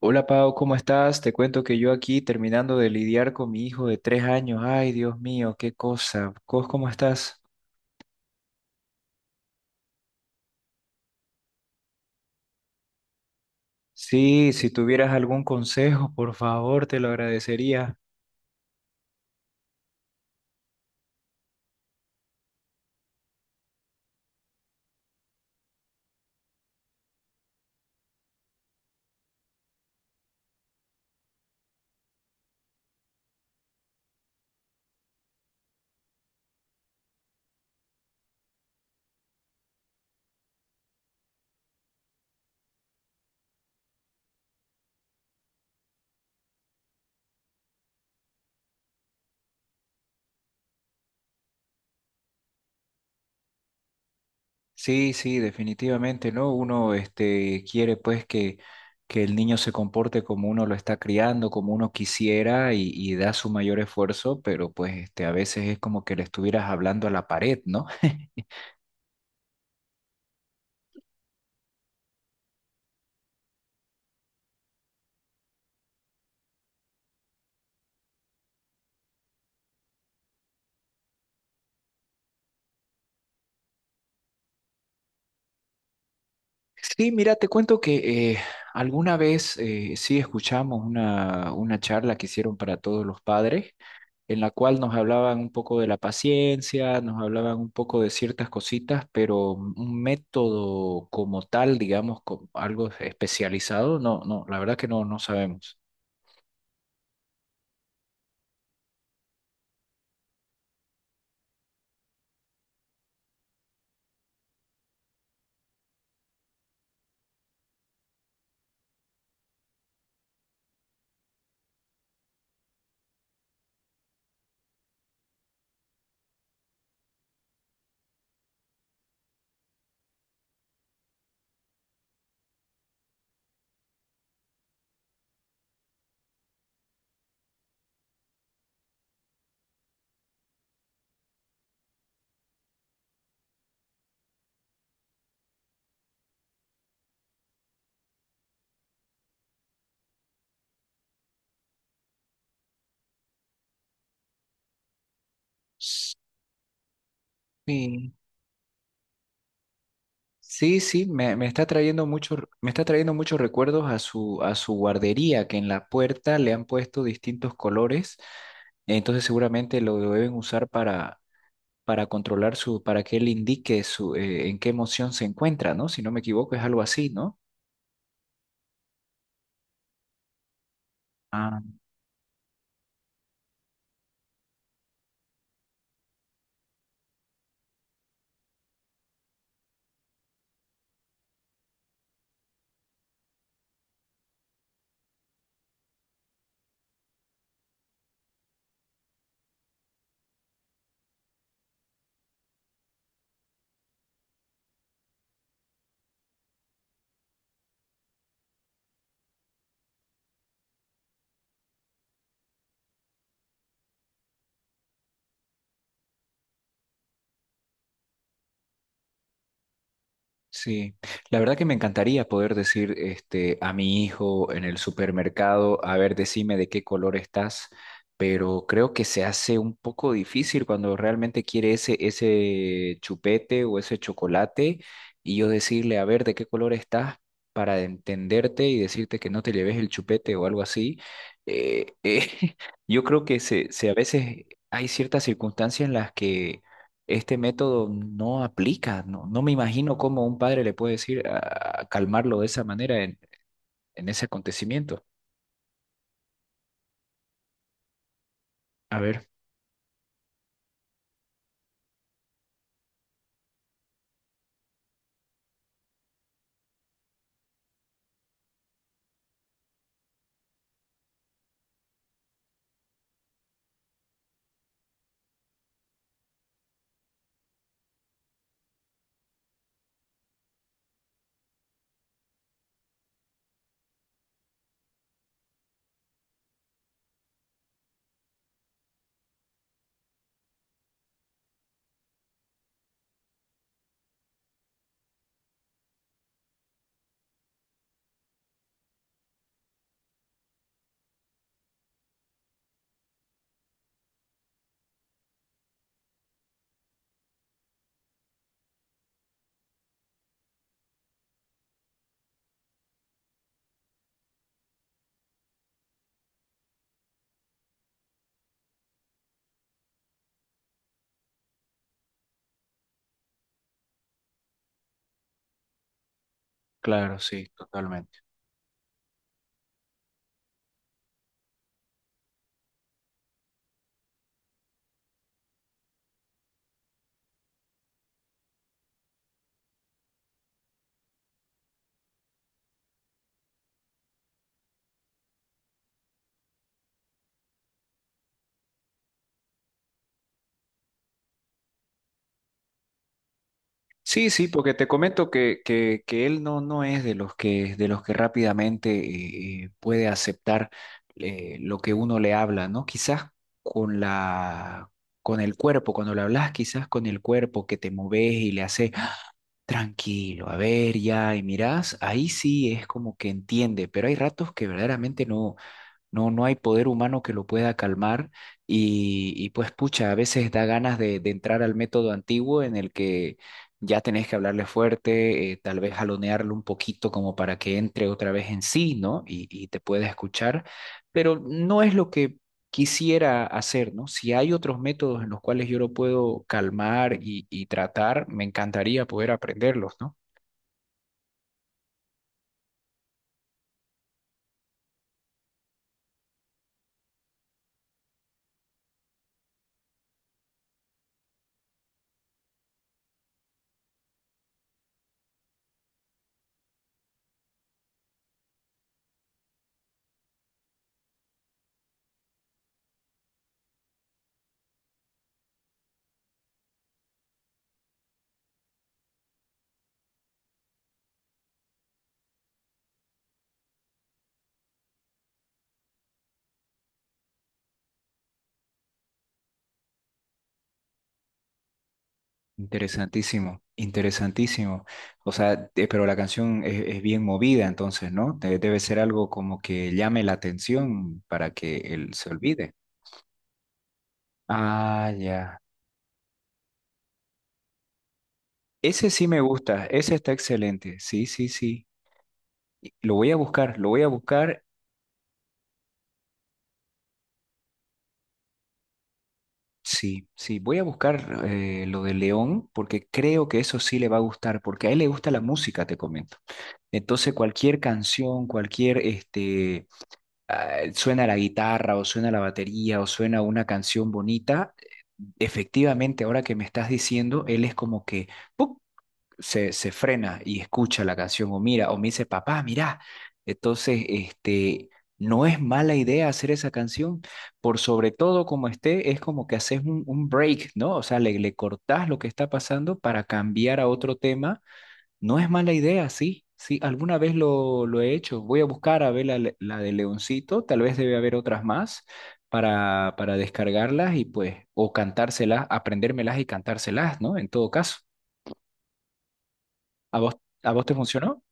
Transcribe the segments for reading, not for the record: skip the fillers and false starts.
Hola Pau, ¿cómo estás? Te cuento que yo aquí terminando de lidiar con mi hijo de tres años. Ay, Dios mío, qué cosa. ¿Cos cómo estás? Sí, si tuvieras algún consejo, por favor, te lo agradecería. Sí, sí, definitivamente, ¿no? Uno, este, quiere pues que el niño se comporte como uno lo está criando, como uno quisiera y da su mayor esfuerzo, pero pues este, a veces es como que le estuvieras hablando a la pared, ¿no? Sí, mira, te cuento que alguna vez sí escuchamos una charla que hicieron para todos los padres, en la cual nos hablaban un poco de la paciencia, nos hablaban un poco de ciertas cositas, pero un método como tal, digamos, algo especializado, no, no, la verdad que no sabemos. Sí, sí, me está trayendo mucho, me está trayendo muchos recuerdos a a su guardería, que en la puerta le han puesto distintos colores, entonces seguramente lo deben usar para controlar para que él indique su, en qué emoción se encuentra, ¿no? Si no me equivoco, es algo así, ¿no? Ah. Sí, la verdad que me encantaría poder decir este, a mi hijo en el supermercado, a ver, decime de qué color estás, pero creo que se hace un poco difícil cuando realmente quiere ese chupete o ese chocolate y yo decirle, a ver, de qué color estás para entenderte y decirte que no te lleves el chupete o algo así. Eh, eh, yo creo que se a veces hay ciertas circunstancias en las que este método no aplica, no, no me imagino cómo un padre le puede decir a calmarlo de esa manera en ese acontecimiento. A ver, claro, sí, totalmente. Sí, sí, porque te comento que él no, no es de los de los que rápidamente puede aceptar lo que uno le habla, ¿no? Quizás con la, con el cuerpo, cuando le hablas, quizás con el cuerpo que te moves y le haces tranquilo, a ver ya, y mirás, ahí sí es como que entiende, pero hay ratos que verdaderamente no, no, no hay poder humano que lo pueda calmar y pues pucha, a veces da ganas de entrar al método antiguo en el que ya tenés que hablarle fuerte, tal vez jalonearlo un poquito como para que entre otra vez en sí, ¿no? Y te pueda escuchar, pero no es lo que quisiera hacer, ¿no? Si hay otros métodos en los cuales yo lo puedo calmar y tratar, me encantaría poder aprenderlos, ¿no? Interesantísimo, interesantísimo. O sea, pero la canción es bien movida, entonces, ¿no? Debe ser algo como que llame la atención para que él se olvide. Ah, ya. Ese sí me gusta, ese está excelente. Sí, sí, sí. Y lo voy a buscar, lo voy a buscar. Sí, sí, voy a buscar lo de León porque creo que eso sí le va a gustar, porque a él le gusta la música, te comento. Entonces, cualquier canción, cualquier este suena la guitarra o suena la batería o suena una canción bonita, efectivamente, ahora que me estás diciendo, él es como que ¡puc! Se frena y escucha la canción o mira, o me dice, papá, mira. Entonces, este, no es mala idea hacer esa canción, por sobre todo como esté, es como que haces un break, ¿no? O sea, le cortás lo que está pasando para cambiar a otro tema, no es mala idea, sí, sí, alguna vez lo he hecho. Voy a buscar a ver la de Leoncito, tal vez debe haber otras más para descargarlas y pues, o cantárselas, aprendérmelas y cantárselas, ¿no? En todo caso, ¿a vos te funcionó?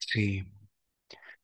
Sí.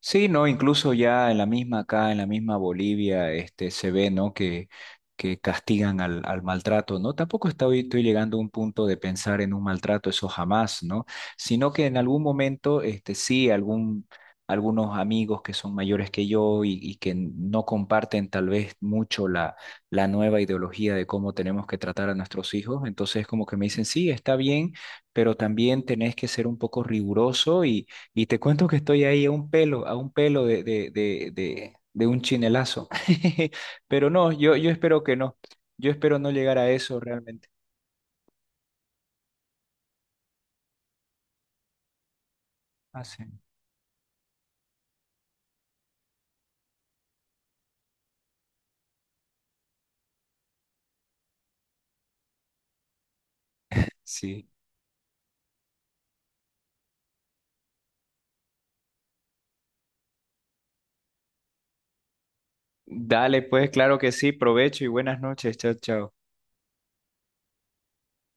Sí, no, incluso ya en la misma acá, en la misma Bolivia, este, se ve, ¿no? Que castigan al maltrato, ¿no? Tampoco estoy, estoy llegando a un punto de pensar en un maltrato, eso jamás, ¿no? Sino que en algún momento, este, sí, algunos amigos que son mayores que yo y que no comparten tal vez mucho la nueva ideología de cómo tenemos que tratar a nuestros hijos, entonces como que me dicen, sí, está bien, pero también tenés que ser un poco riguroso y te cuento que estoy ahí a un pelo de un chinelazo. Pero no, yo espero que no. Yo espero no llegar a eso realmente. Ah, sí. Sí. Dale, pues, claro que sí. Provecho y buenas noches. Chao, chao.